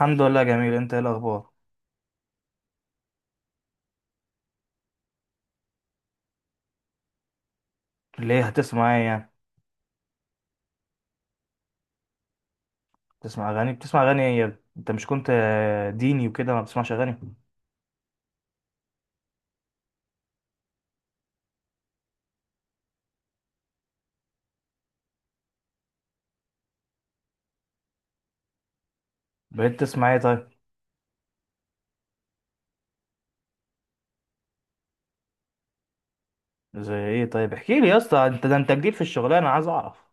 الحمد لله، جميل. انت ايه الاخبار؟ ليه؟ هتسمع ايه يعني؟ بتسمع اغاني ايه يا ابني؟ انت مش كنت ديني وكده ما بتسمعش اغاني؟ بقيت تسمع ايه طيب؟ زي ايه طيب؟ احكي لي يا اسطى، انت ده انت جديد في الشغلانه، عايز اعرف.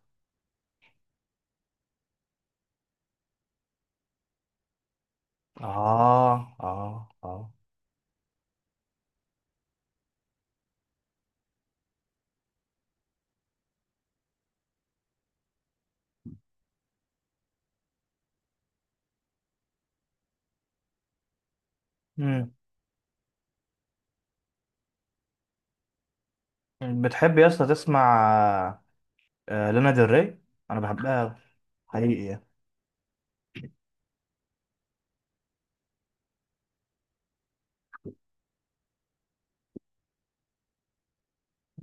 اه، اه، اه. امم. بتحب يا اسطى تسمع لانا ديل ري؟ انا بحبها أوي، حقيقي يعني.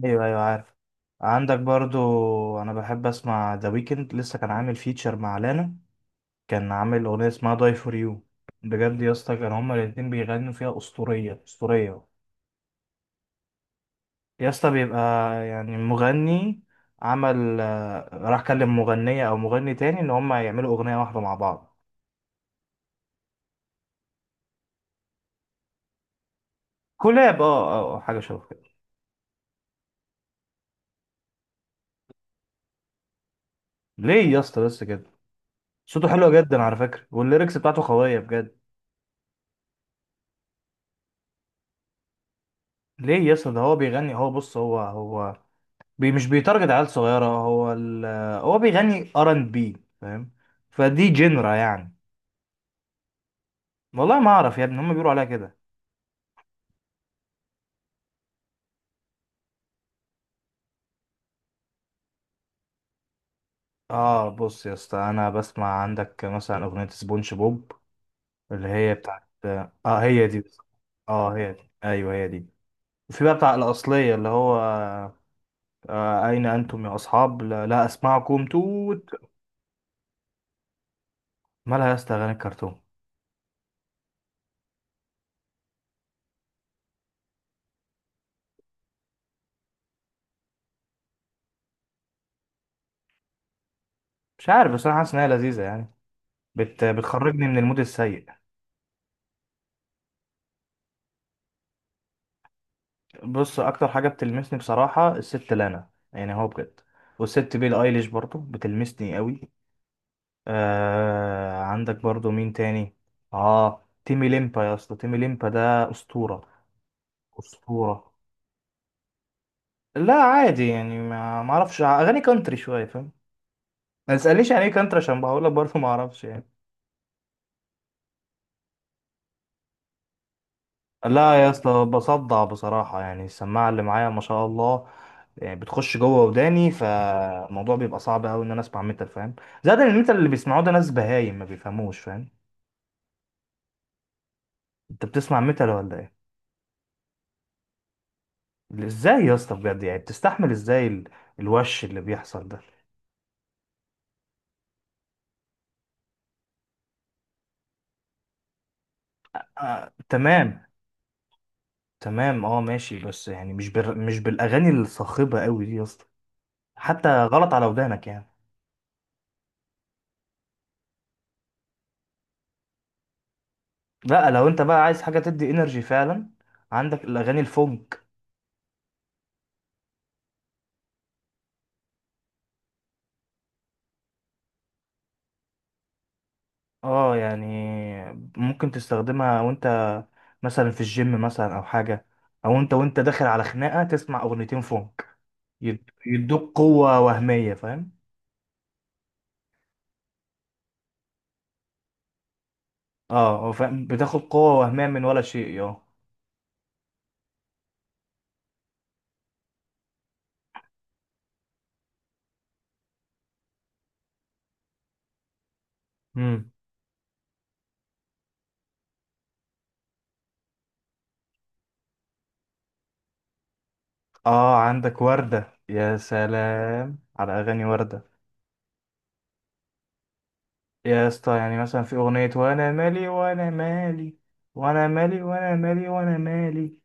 ايوه، ايوه، عارف. عندك برضو. انا بحب اسمع ذا ويكند. لسه كان عامل فيتشر مع لانا، كان عامل أغنية اسمها داي فور يو. بجد يا اسطى، كان هما الاتنين بيغنوا فيها أسطورية، أسطورية. يا اسطى بيبقى يعني مغني عمل راح كلم مغنية أو مغني تاني إن هما يعملوا أغنية واحدة مع بعض. كولاب، اه، اه، حاجة شبه كده. ليه يا اسطى بس كده؟ صوته حلو جدا على فكرة، والليركس بتاعته قوية بجد. ليه يا اسطى؟ ده هو بيغني. هو بص هو بي مش بيتارجت عيال صغيرة. هو ال... آه، هو بيغني ار ان بي فاهم. فدي جنرا يعني. والله ما اعرف يا ابني، هم بيقولوا عليها كده. اه، بص يا اسطى، انا بسمع. عندك مثلا اغنيه سبونج بوب اللي هي بتاعت. اه، هي دي. اه، هي دي، ايوه هي دي. وفي بقى بتاع الاصليه اللي هو. آه اين انتم يا اصحاب، لا، لا اسمعكم توت. مالها يا اسطى اغاني الكرتون؟ مش عارف، بس انا حاسس ان هي لذيذه يعني. بتخرجني من المود السيء. بص، اكتر حاجه بتلمسني بصراحه الست لانا، يعني هو بجد. والست بيلي ايليش برضو بتلمسني قوي. آه، عندك برضو مين تاني؟ اه، تيمي ليمبا يا اسطى. تيمي ليمبا ده اسطوره. اسطوره. لا عادي يعني، ما اعرفش. اغاني كانتري شويه، فاهم. ما تسالنيش يعني ايه كانتري عشان بقول لك برضو ما اعرفش يعني. لا يا اسطى، بصدع بصراحه يعني. السماعه اللي معايا ما شاء الله، يعني بتخش جوه وداني، فالموضوع بيبقى صعب قوي ان انا اسمع ميتال، فاهم. زائد ان الميتال اللي بيسمعوه ده ناس بهايم ما بيفهموش، فاهم. انت بتسمع ميتال ولا ايه؟ ازاي يا اسطى؟ بجد يعني بتستحمل ازاي الوش اللي بيحصل ده؟ آه، تمام. تمام، اه، ماشي. بس يعني مش بالاغاني الصاخبه قوي دي يا اسطى، حتى غلط على ودانك يعني. لا، لو انت بقى عايز حاجه تدي انرجي فعلا، عندك الاغاني الفونك. اه يعني، ممكن تستخدمها وانت مثلا في الجيم، مثلا او حاجه، او انت وانت داخل على خناقه تسمع اغنيتين فونك يدوك قوه وهميه، فاهم. اه، فاهم، بتاخد قوه وهميه من ولا شيء، اه. امم. اه، عندك وردة. يا سلام على اغاني وردة. يا اسطى يعني مثلا في اغنية وانا مالي، وانا مالي، وانا مالي، وانا مالي، وانا مالي.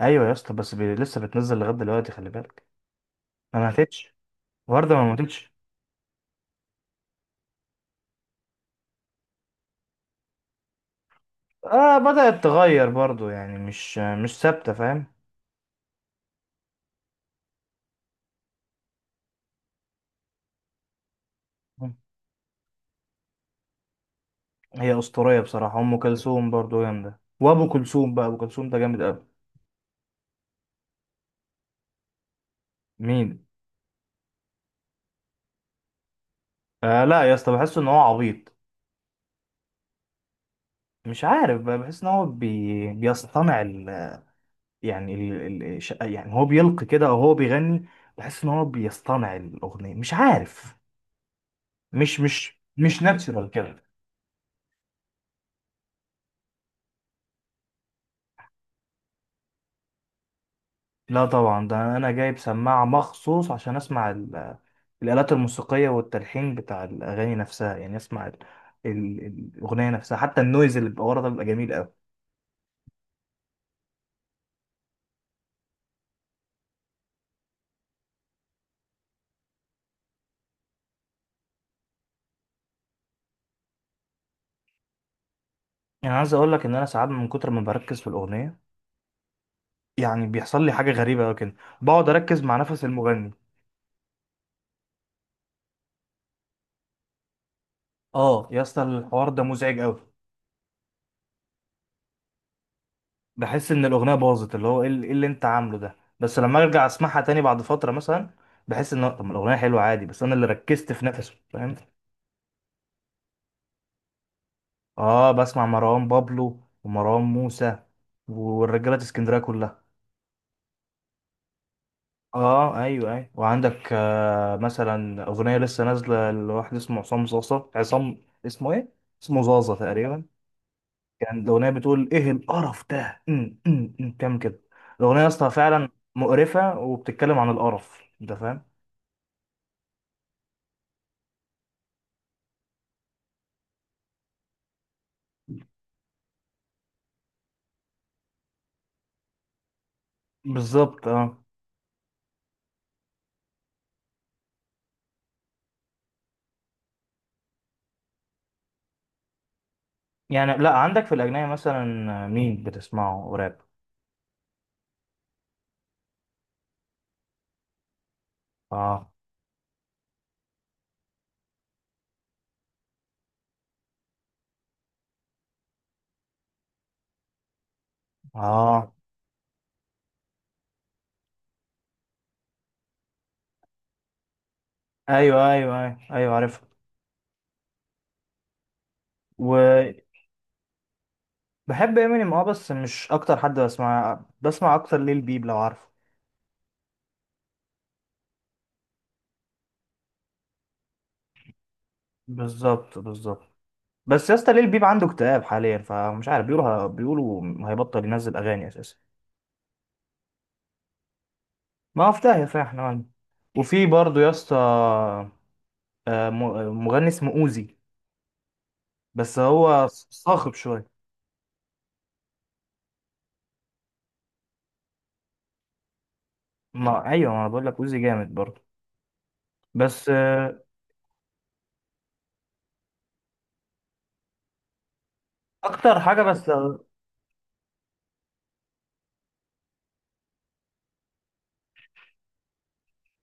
ايوه يا اسطى، بس لسه بتنزل لغاية دلوقتي، خلي بالك. ما ماتتش. وردة ما ماتتش. اه، بدأت تغير برضو يعني، مش ثابتة، فاهم. مم. هي اسطورية بصراحة. ام كلثوم برضو جامدة، وابو كلثوم بقى، ابو كلثوم ده جامد قوي. مين؟ آه، لا يا اسطى، بحس ان هو عبيط. مش عارف بقى، بحس ان هو بيصطنع يعني يعني هو بيلقي كده او هو بيغني. بحس ان هو بيصطنع الاغنيه، مش عارف. مش ناتشرال كده. لا طبعا، ده انا جايب سماعه مخصوص عشان اسمع الالات الموسيقيه والتلحين بتاع الاغاني نفسها. يعني اسمع ال... الاغنيه نفسها، حتى النويز اللي بيبقى ورا ده بيبقى جميل قوي. يعني عايز اقول لك ان انا ساعات من كتر ما بركز في الاغنيه، يعني بيحصل لي حاجه غريبه قوي كده، بقعد اركز مع نفس المغني. اه يا اسطى، الحوار ده مزعج قوي. بحس ان الاغنيه باظت، اللي هو ايه اللي إيه اللي انت عامله ده. بس لما ارجع اسمعها تاني بعد فتره مثلا، بحس ان طب ما الاغنيه حلوه عادي، بس انا اللي ركزت في نفسه، فاهم. اه، بسمع مروان بابلو ومروان موسى، والرجاله اسكندريه كلها. اه، ايوه، ايوه، وعندك مثلا اغنيه لسه نازله لواحد اسمه عصام زازا. عصام اسمه ايه؟ اسمه زازا تقريبا. كان الأغنية بتقول إيه القرف ده، أم، أم، أم، بتعمل كده. الأغنية يا اسطى فعلا مقرفة، وبتتكلم عن القرف، أنت فاهم. بالظبط، أه. يعني، لا، عندك في الأجنبي مثلا، مين بتسمعه راب؟ أه. أه، أيوه، أيوه، أيوه، أيوه، عارف. وبحب. إمينيم أه، بس مش أكتر حد. بسمع أكتر ليل بيب، لو عارفه. بالظبط، بالظبط. بس يا اسطى، ليل بيب عنده اكتئاب حاليا، فمش عارف، بيقولوا هيبطل ينزل أغاني أساسا. ما هو في داهية صحيح احنا عنه. وفي برضه يا اسطى، مغني اسمه اوزي، بس هو صاخب شوية. ما، ايوه، ما انا بقول لك اوزي جامد برضه. بس، اكتر حاجة بس.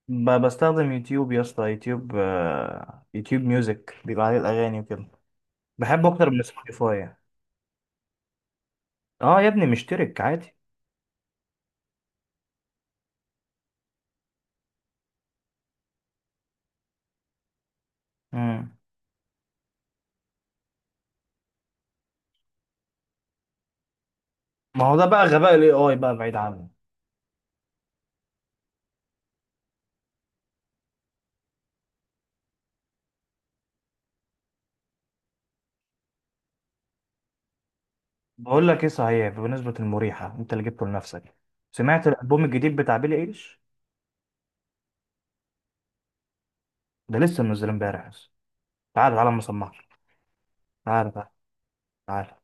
بستخدم يوتيوب يا اسطى، يوتيوب ميوزك بيبقى عليه الاغاني وكده. بحبه اكتر من سبوتيفاي يعني. اه يا ابني، مشترك عادي. مم. ما هو ده بقى غباء الاي اي بقى بعيد عنه. بقول لك ايه، صحيح بمناسبة المريحة انت اللي جبته لنفسك، سمعت الالبوم الجديد بتاع بيلي ايليش؟ ده لسه منزل امبارح بس. تعالى، تعالى اما اصمعك. تعالى، تعالى. تعالى.